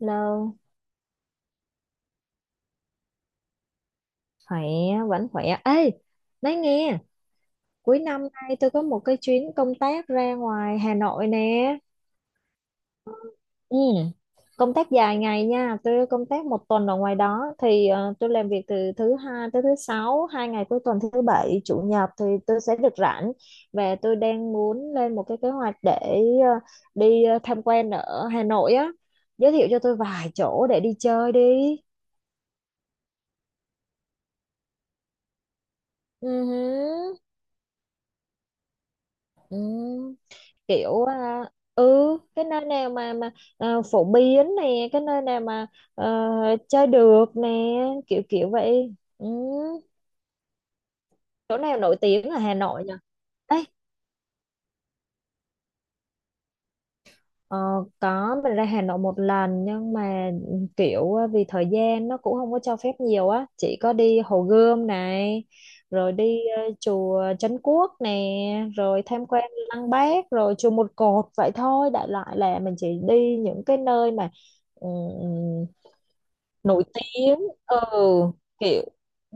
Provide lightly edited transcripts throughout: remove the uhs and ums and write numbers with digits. Lâu, khỏe, vẫn khỏe. Ê, nói nghe, cuối năm nay tôi có một cái chuyến công tác ra ngoài Hà Nội nè. Ừ, công tác dài ngày nha, tôi công tác một tuần ở ngoài đó. Thì tôi làm việc từ thứ hai tới thứ sáu, hai ngày cuối tuần thứ bảy, chủ nhật thì tôi sẽ được rảnh. Và tôi đang muốn lên một cái kế hoạch để ờ, đi tham quan ở Hà Nội á. Giới thiệu cho tôi vài chỗ để đi chơi đi. Ừ, hứ. Ừ, kiểu ừ cái nơi nào mà phổ biến nè, cái nơi nào mà ờ, chơi được nè, kiểu kiểu vậy, ừ. Chỗ nào nổi tiếng ở Hà Nội nhỉ? Ờ, có, mình ra Hà Nội một lần nhưng mà kiểu vì thời gian nó cũng không có cho phép nhiều á, chỉ có đi Hồ Gươm này rồi đi chùa Trấn Quốc nè rồi tham quan Lăng Bác rồi chùa Một Cột, vậy thôi, đại loại là mình chỉ đi những cái nơi mà nổi tiếng, ừ, kiểu,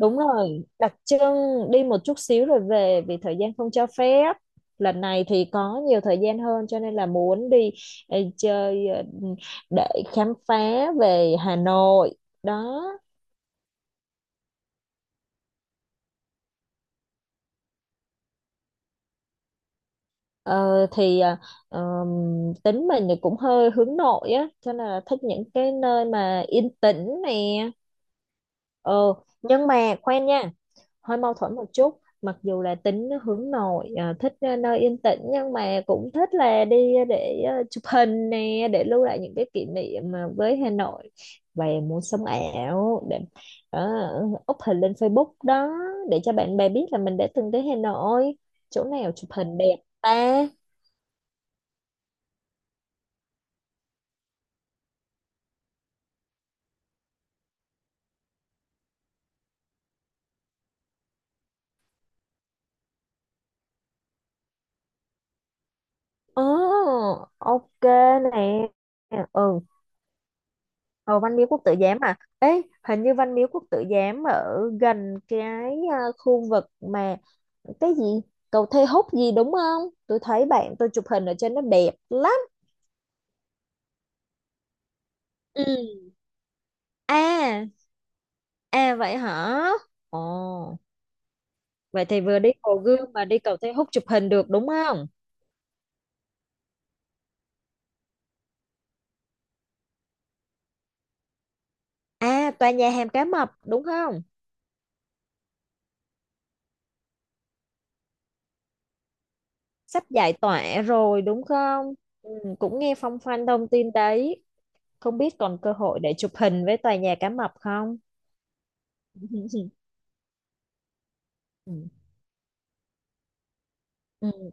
đúng rồi, đặc trưng, đi một chút xíu rồi về vì thời gian không cho phép. Lần này thì có nhiều thời gian hơn cho nên là muốn đi chơi để khám phá về Hà Nội đó. Ờ, thì tính mình thì cũng hơi hướng nội á cho nên là thích những cái nơi mà yên tĩnh nè, ừ. Nhưng mà khoan nha, hơi mâu thuẫn một chút, mặc dù là tính hướng nội thích nơi yên tĩnh nhưng mà cũng thích là đi để chụp hình nè, để lưu lại những cái kỷ niệm với Hà Nội, và muốn sống ảo để up hình lên Facebook đó, để cho bạn bè biết là mình đã từng tới Hà Nội. Chỗ nào chụp hình đẹp ta? Ồ, ok nè, ừ. Ờ, Văn Miếu Quốc Tử Giám à? Ê, hình như Văn Miếu Quốc Tử Giám ở gần cái khu vực mà, cái gì, cầu Thê Húc gì đúng không? Tôi thấy bạn tôi chụp hình ở trên nó đẹp lắm. Ừ. À, à, vậy hả? Ồ, vậy thì vừa đi Hồ Gươm mà đi cầu Thê Húc chụp hình được đúng không? À, tòa nhà Hàm Cá Mập đúng không? Sắp giải tỏa rồi đúng không? Ừ, cũng nghe phong phanh thông tin đấy. Không biết còn cơ hội để chụp hình với tòa nhà Cá Mập không? Ừ. Ừ.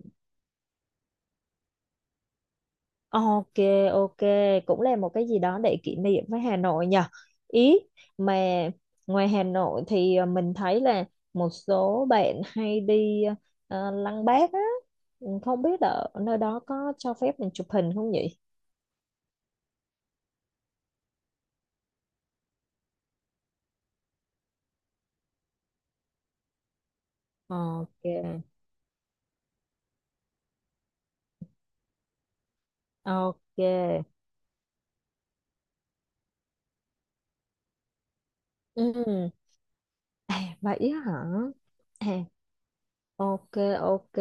Ok, ok, cũng là một cái gì đó để kỷ niệm với Hà Nội nhờ. Ý mà, ngoài Hà Nội thì mình thấy là một số bạn hay đi Lăng Bác á. Ừ, không biết ở nơi đó có cho phép mình chụp hình không nhỉ? Ok, ok. Ừ. À, vậy á hả? À, ok, ok.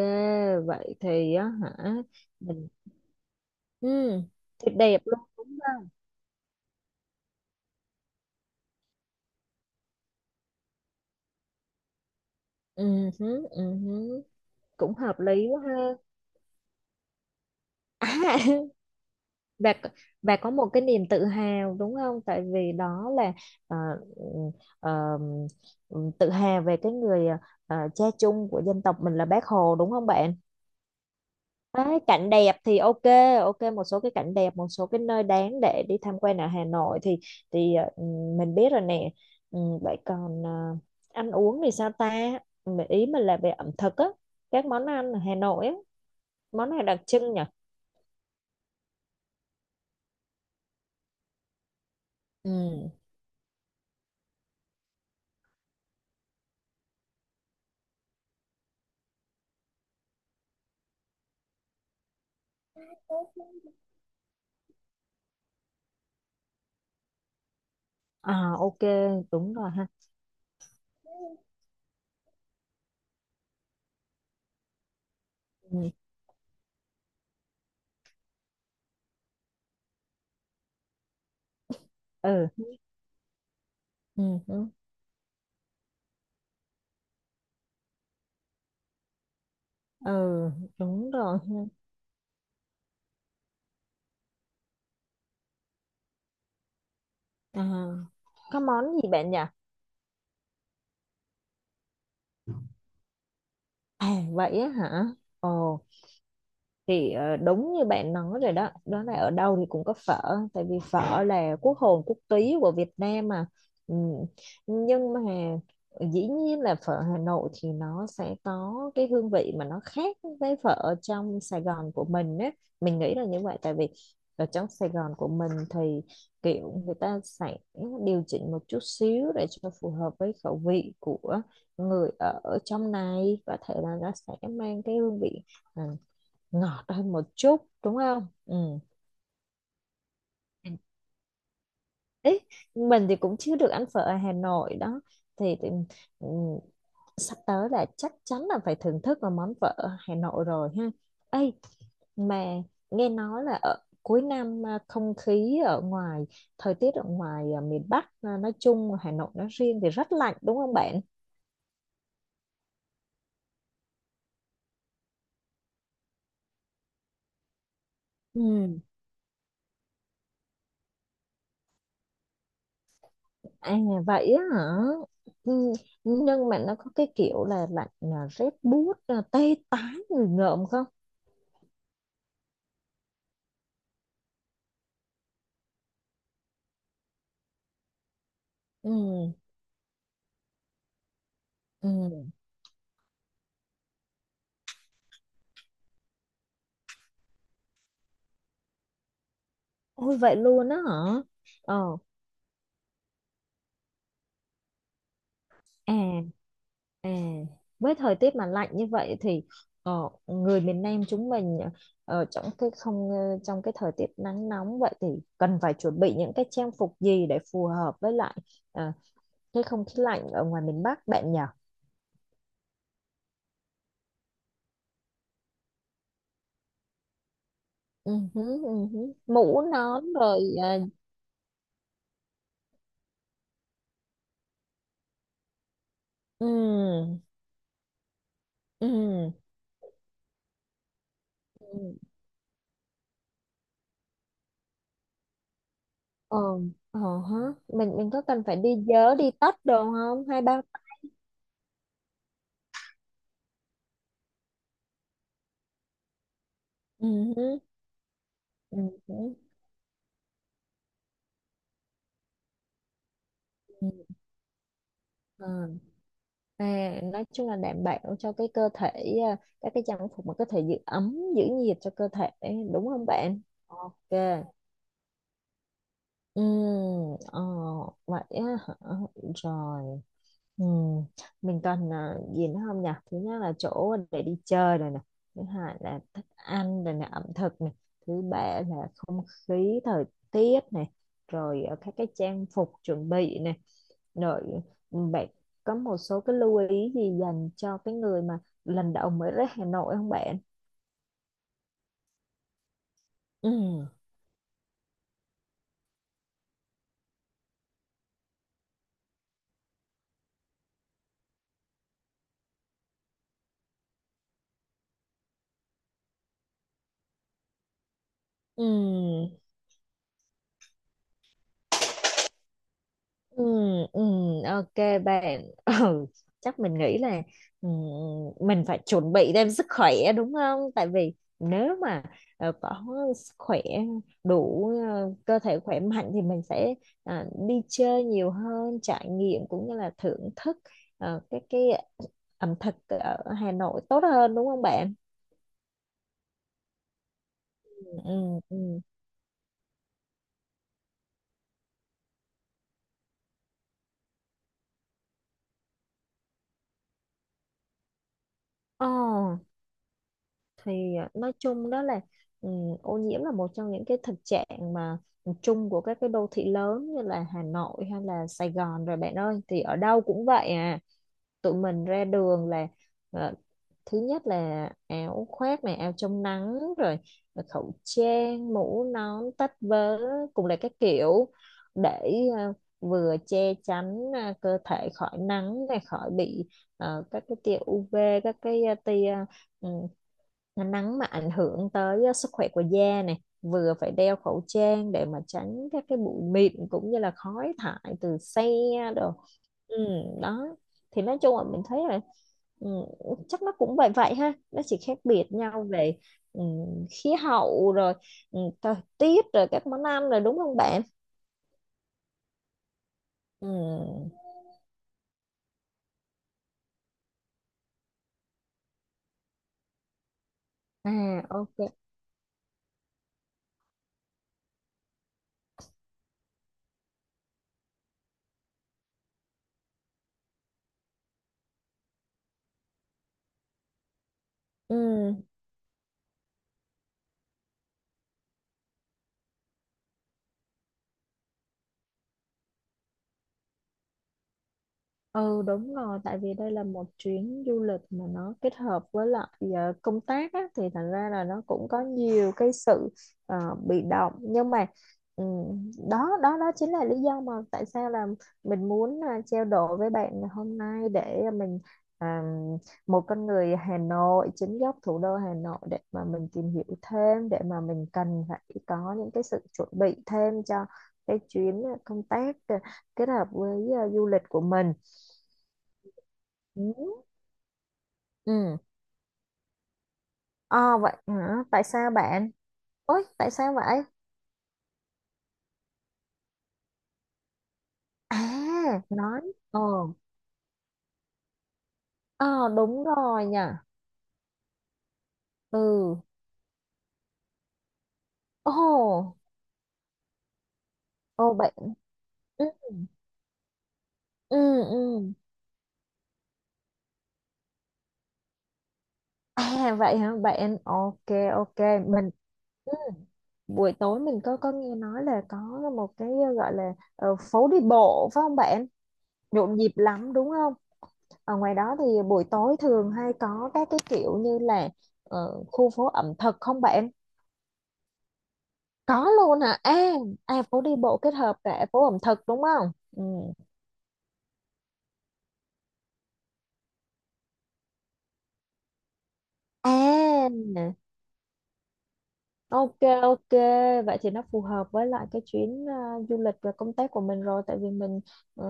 Vậy thì á hả? Mình ừ, thì đẹp luôn đúng không? Ừ, hứ, ừ, hứ. Cũng hợp lý quá ha. À, bà c- bà có một cái niềm tự hào đúng không, tại vì đó là ờ, ừ, ờ, tự hào về cái người cha chung của dân tộc mình là Bác Hồ, đúng không bạn? Đấy, cảnh đẹp thì ok, ok, một số cái cảnh đẹp, một số cái nơi đáng để đi tham quan ở Hà Nội thì, thì ờ, ừ, mình biết rồi nè. Ừ, vậy còn ăn uống thì sao ta? Ừ, ý mình là về ẩm thực á, các món ăn ở Hà Nội á, món này đặc trưng nhỉ. Ừ, à, ok, đúng rồi ha. Ừ, ừ, ừ, đúng, ừ, đúng rồi ha. à, có món gì bạn nhỉ? À, vậy á hả? Ồ. Thì đúng như bạn nói rồi đó, đó là ở đâu thì cũng có phở, tại vì phở là quốc hồn quốc túy của Việt Nam mà. Ừ. Nhưng mà dĩ nhiên là phở Hà Nội thì nó sẽ có cái hương vị mà nó khác với phở ở trong Sài Gòn của mình á. Mình nghĩ là như vậy, tại vì ở trong Sài Gòn của mình thì kiểu người ta sẽ điều chỉnh một chút xíu để cho phù hợp với khẩu vị của người ở trong này, có thể là nó sẽ mang cái hương vị à, ngọt hơn một chút, đúng không, ừ. Ấy, mình thì cũng chưa được ăn phở ở Hà Nội đó. Thì, thì ừ, sắp tới là chắc chắn là phải thưởng thức vào món phở ở Hà Nội rồi ha. Ấy mà, nghe nói là ở cuối năm không khí ở ngoài, thời tiết ở ngoài miền Bắc nói chung, Hà Nội nói riêng, thì rất lạnh đúng không bạn? Ừ. À, vậy á hả? Ừ, nhưng mà nó có cái kiểu là lạnh rét buốt tê tái người ngợm không? Ừ, ừ, ôi vậy luôn á hả? Ờ, à, à. Với thời tiết mà lạnh như vậy thì ờ, người miền Nam chúng mình, ở trong cái không ờ, trong cái thời tiết nắng nóng vậy thì cần phải chuẩn bị những cái trang phục gì để phù hợp với lại ờ, cái không khí lạnh ở ngoài miền Bắc bạn nhỉ? Ừ, hứ, ừ, hứ. Mũ nón rồi à? Ừ, ừ, ừ. Ờ, ờ hả. Mình có cần phải đi vớ đi tất đồ không, hai ba? Ừ, ừ, đúng. Ừ, ờ. À, nói chung là đảm bảo cho cái cơ thể, các cái trang phục mà có thể giữ ấm giữ nhiệt cho cơ thể đúng không bạn? Ok. Ừ, ờ, vậy á hả? Rồi. Ừ. Mình cần gì nữa không nhỉ? Thứ nhất là chỗ để đi chơi rồi nè. Thứ hai là thức ăn rồi nè, ẩm thực nè. Thứ ba là không khí, thời tiết nè. Rồi các cái trang phục chuẩn bị nè. Rồi, bạn có một số cái lưu ý gì dành cho cái người mà lần đầu mới đến Hà Nội không bạn? Ừ, ừ, ừ, ừ, ok bạn. Ừ, chắc mình nghĩ là ừ, mình phải chuẩn bị thêm sức khỏe đúng không? Tại vì nếu mà có sức khỏe đủ, cơ thể khỏe mạnh thì mình sẽ đi chơi nhiều hơn, trải nghiệm cũng như là thưởng thức cái ẩm thực ở Hà Nội tốt hơn đúng không bạn? Ừ, ừ, ờ. Thì nói chung đó là ừ, ô nhiễm là một trong những cái thực trạng mà chung của các cái đô thị lớn như là Hà Nội hay là Sài Gòn rồi, bạn ơi, thì ở đâu cũng vậy à. Tụi mình ra đường là ờ, thứ nhất là áo khoác này, áo chống nắng, rồi khẩu trang, mũ nón, tất vớ cùng là các kiểu, để ờ, vừa che chắn cơ thể khỏi nắng này, khỏi bị các cái tia UV, tia ừ, nắng mà ảnh hưởng tới sức khỏe của da này, vừa phải đeo khẩu trang để mà tránh các cái bụi mịn cũng như là khói thải từ xe. Ừ, đó, thì nói chung là mình thấy là ừ, chắc nó cũng vậy vậy ha, nó chỉ khác biệt nhau về ừ, khí hậu rồi, thời tiết rồi các món ăn rồi đúng không bạn? Ừ. À, ok. Ừ. Ừ, đúng rồi, tại vì đây là một chuyến du lịch mà nó kết hợp với lại công tác á, thì thành ra là nó cũng có nhiều cái sự bị động, nhưng mà đó, đó, đó chính là lý do mà tại sao là mình muốn trao đổi với bạn ngày hôm nay, để mình à, một con người Hà Nội chính gốc, thủ đô Hà Nội, để mà mình tìm hiểu thêm, để mà mình cần phải có những cái sự chuẩn bị thêm cho cái chuyến công tác kết hợp với du lịch của mình. Ừ. Ừ. Ờ, vậy hả, tại sao bạn, ôi tại sao vậy? À, nói. Ờ, ờ, đúng rồi nhỉ. Ừ. Ồ, ồ bạn. Ừ, ừ, ừ. À, vậy hả bạn? Ok, ok. Mình, ừ. Buổi tối mình có nghe nói là có một cái gọi là phố đi bộ phải không bạn? Nhộn nhịp lắm đúng không? Ở ngoài đó thì buổi tối thường hay có các cái kiểu như là khu phố ẩm thực không bạn? Có luôn hả? À, à, phố đi bộ kết hợp cả phố ẩm thực đúng không? Ừ. À, ok, ok, vậy thì nó phù hợp với lại cái chuyến du lịch và công tác của mình rồi, tại vì mình ừ,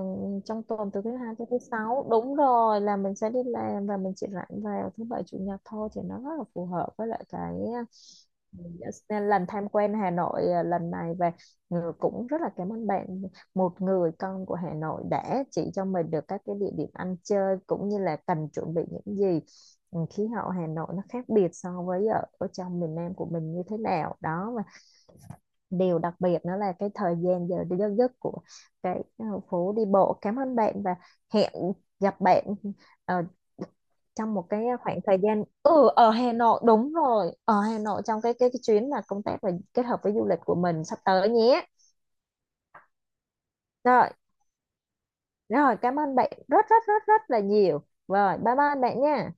trong tuần từ thứ hai tới thứ sáu, đúng rồi, là mình sẽ đi làm, và mình chỉ rảnh vào thứ bảy chủ nhật thôi, thì nó rất là phù hợp với lại cái. Dạ, nên lần tham quan Hà Nội lần này, và Ngừ cũng rất là cảm ơn bạn, một người con của Hà Nội đã chỉ cho mình được các cái địa điểm ăn chơi cũng như là cần chuẩn bị những gì. Ừ, khí hậu Hà Nội nó khác biệt so với ở trong miền Nam của mình như thế nào đó, và điều đặc biệt đó là cái thời gian giờ giấc của cái phố đi bộ. Cảm ơn bạn và hẹn gặp bạn ờ, trong một cái khoảng thời gian, ở Hà Nội, đúng rồi, ở Hà Nội, trong cái chuyến mà công tác và kết hợp với du lịch của mình sắp tới nhé. Rồi, rồi, cảm ơn bạn rất rất rất rất là nhiều. Rồi, bye bye bạn nha.